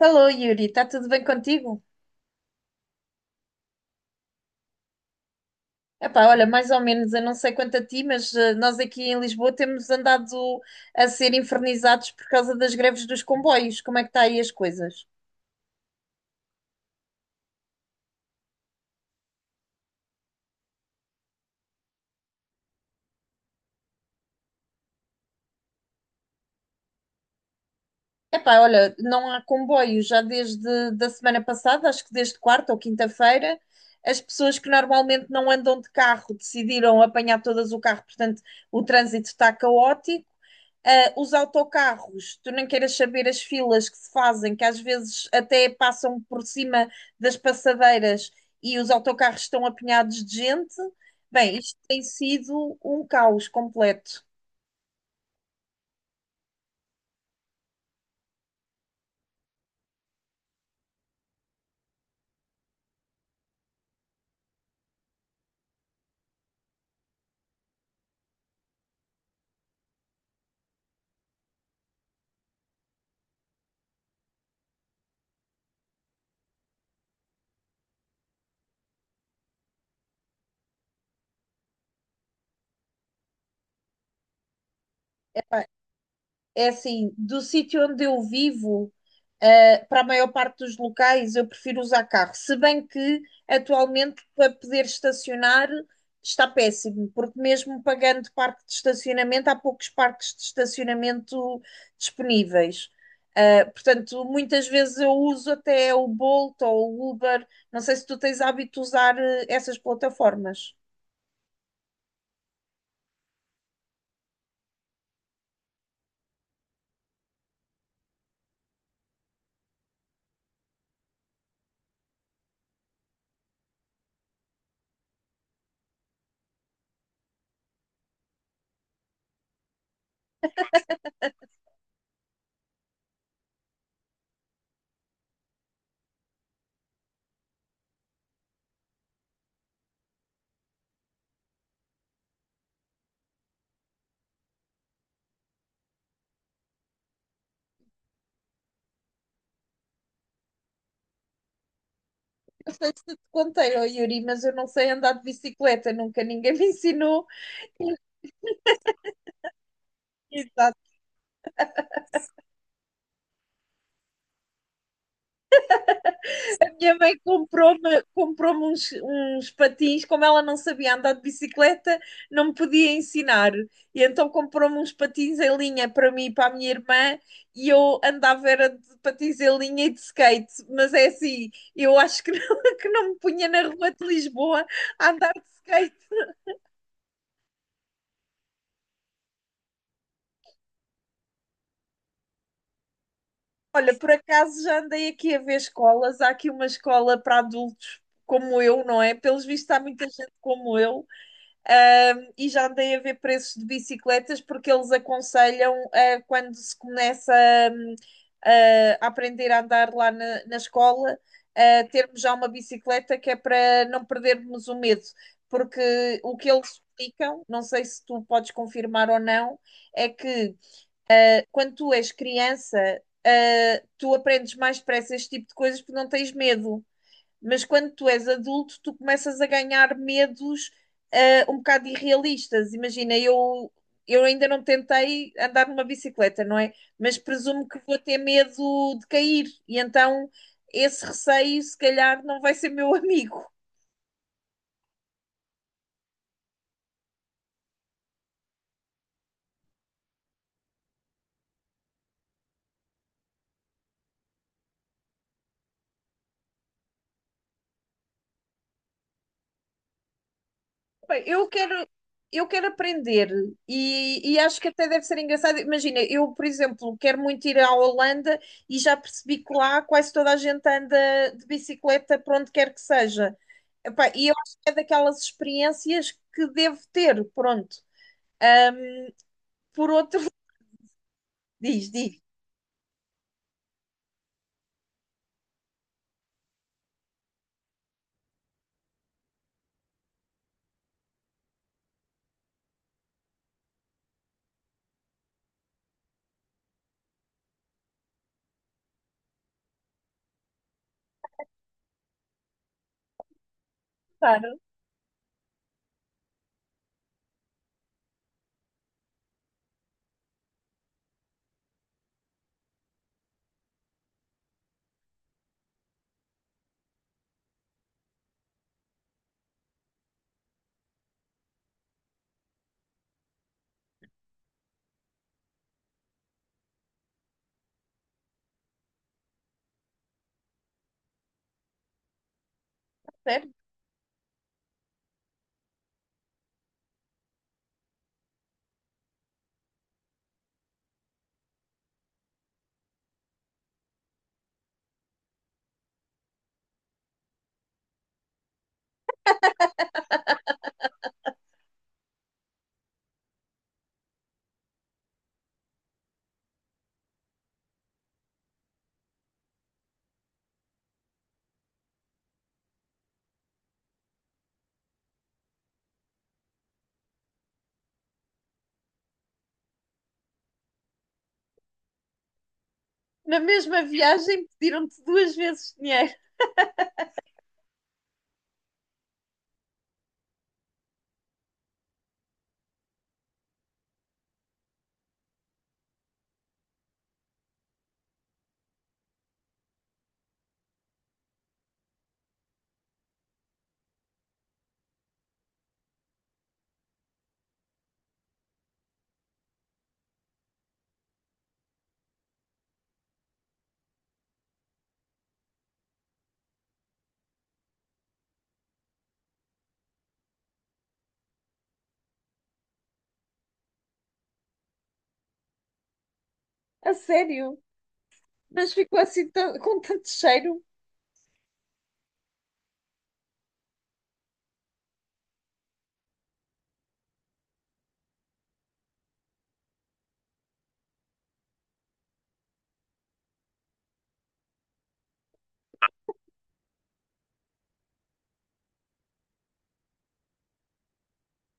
Alô, Yuri, está tudo bem contigo? Epá, olha, mais ou menos, eu não sei quanto a ti, mas nós aqui em Lisboa temos andado a ser infernizados por causa das greves dos comboios. Como é que está aí as coisas? Epá, olha, não há comboio já desde da semana passada, acho que desde quarta ou quinta-feira. As pessoas que normalmente não andam de carro decidiram apanhar todas o carro, portanto, o trânsito está caótico. Ah, os autocarros, tu nem queiras saber as filas que se fazem, que às vezes até passam por cima das passadeiras e os autocarros estão apinhados de gente. Bem, isto tem sido um caos completo. É assim, do sítio onde eu vivo, para a maior parte dos locais, eu prefiro usar carro. Se bem que atualmente para poder estacionar está péssimo, porque mesmo pagando parque de estacionamento, há poucos parques de estacionamento disponíveis. Portanto, muitas vezes eu uso até o Bolt ou o Uber. Não sei se tu tens hábito de usar essas plataformas. Contei ao Yuri, mas eu não sei andar de bicicleta, nunca ninguém me ensinou. Minha mãe comprou uns patins, como ela não sabia andar de bicicleta, não me podia ensinar. E então comprou-me uns patins em linha para mim e para a minha irmã, e eu andava era de patins em linha e de skate. Mas é assim, eu acho que não, que não me punha na rua de Lisboa a andar de skate. Olha, por acaso já andei aqui a ver escolas. Há aqui uma escola para adultos como eu, não é? Pelos vistos, há muita gente como eu. E já andei a ver preços de bicicletas porque eles aconselham, quando se começa um, uh, a aprender a andar lá na escola, termos já uma bicicleta que é para não perdermos o medo, porque o que eles explicam, não sei se tu podes confirmar ou não, é que quando tu és criança, tu aprendes mais depressa este tipo de coisas porque não tens medo. Mas quando tu és adulto, tu começas a ganhar medos um bocado irrealistas. Imagina, eu ainda não tentei andar numa bicicleta, não é? Mas presumo que vou ter medo de cair. E então esse receio, se calhar, não vai ser meu amigo. Bem, eu quero aprender e acho que até deve ser engraçado. Imagina, eu, por exemplo, quero muito ir à Holanda e já percebi que lá quase toda a gente anda de bicicleta para onde quer que seja. Epá, e eu acho que é daquelas experiências que devo ter, pronto. Por outro, diz, claro, sério. Na mesma viagem pediram-te duas vezes dinheiro, a sério. Mas ficou assim tão- com tanto cheiro.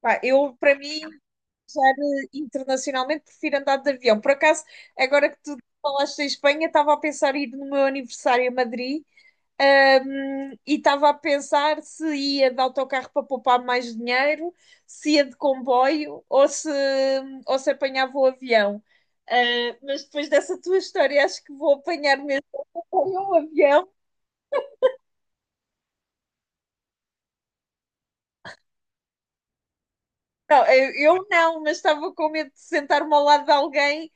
Pá, eu, para mim, viajar internacionalmente, prefiro andar de avião. Por acaso, agora que tu falaste em Espanha, estava a pensar em ir no meu aniversário a Madrid. E estava a pensar se ia de autocarro para poupar mais dinheiro, se ia de comboio ou se apanhava o avião. Ah, mas depois dessa tua história, acho que vou apanhar mesmo o avião. Não, eu não, mas estava com medo de sentar-me ao lado de alguém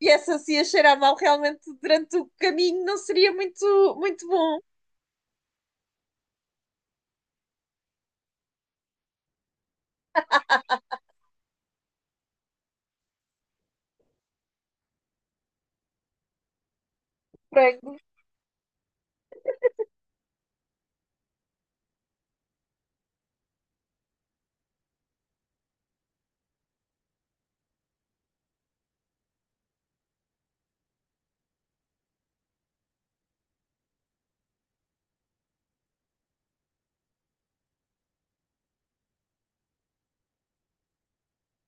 e essa assim a cheirar mal realmente durante o caminho não seria muito bom. Frango.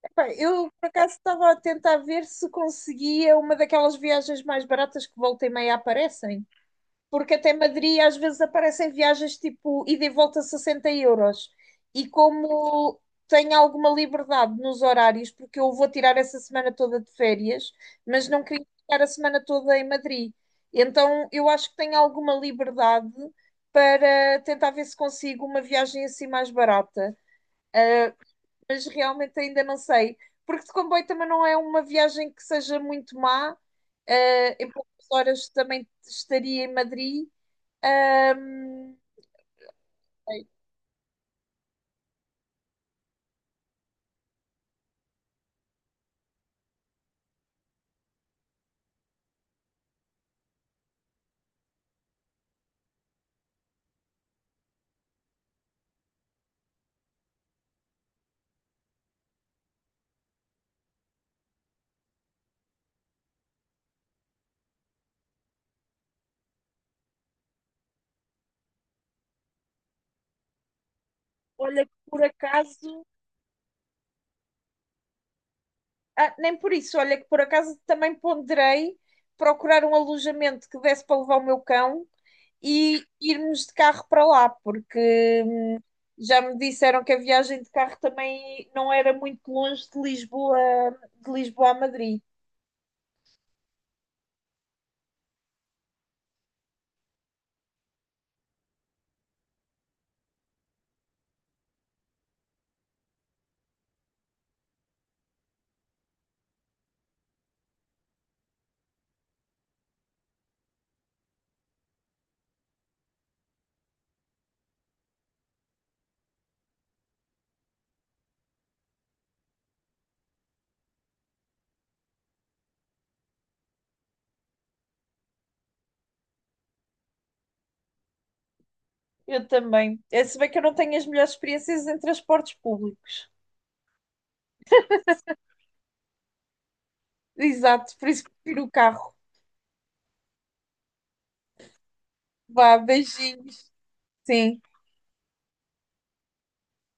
Epá, eu, por acaso, estava a tentar ver se conseguia uma daquelas viagens mais baratas que volta e meia aparecem, porque até Madrid às vezes aparecem viagens tipo ida e volta 60 euros. E como tenho alguma liberdade nos horários, porque eu vou tirar essa semana toda de férias, mas não queria ficar a semana toda em Madrid. Então eu acho que tenho alguma liberdade para tentar ver se consigo uma viagem assim mais barata. Ah, mas realmente ainda não sei. Porque de comboio também não é uma viagem que seja muito má. Em poucas horas também estaria em Madrid. Ahm, sei. Olha que por acaso, ah, nem por isso, olha que por acaso também ponderei procurar um alojamento que desse para levar o meu cão e irmos de carro para lá, porque já me disseram que a viagem de carro também não era muito longe de Lisboa a Madrid. Eu também. É, se bem que eu não tenho as melhores experiências em transportes públicos. Exato, por isso que prefiro o carro. Vá, beijinhos. Sim.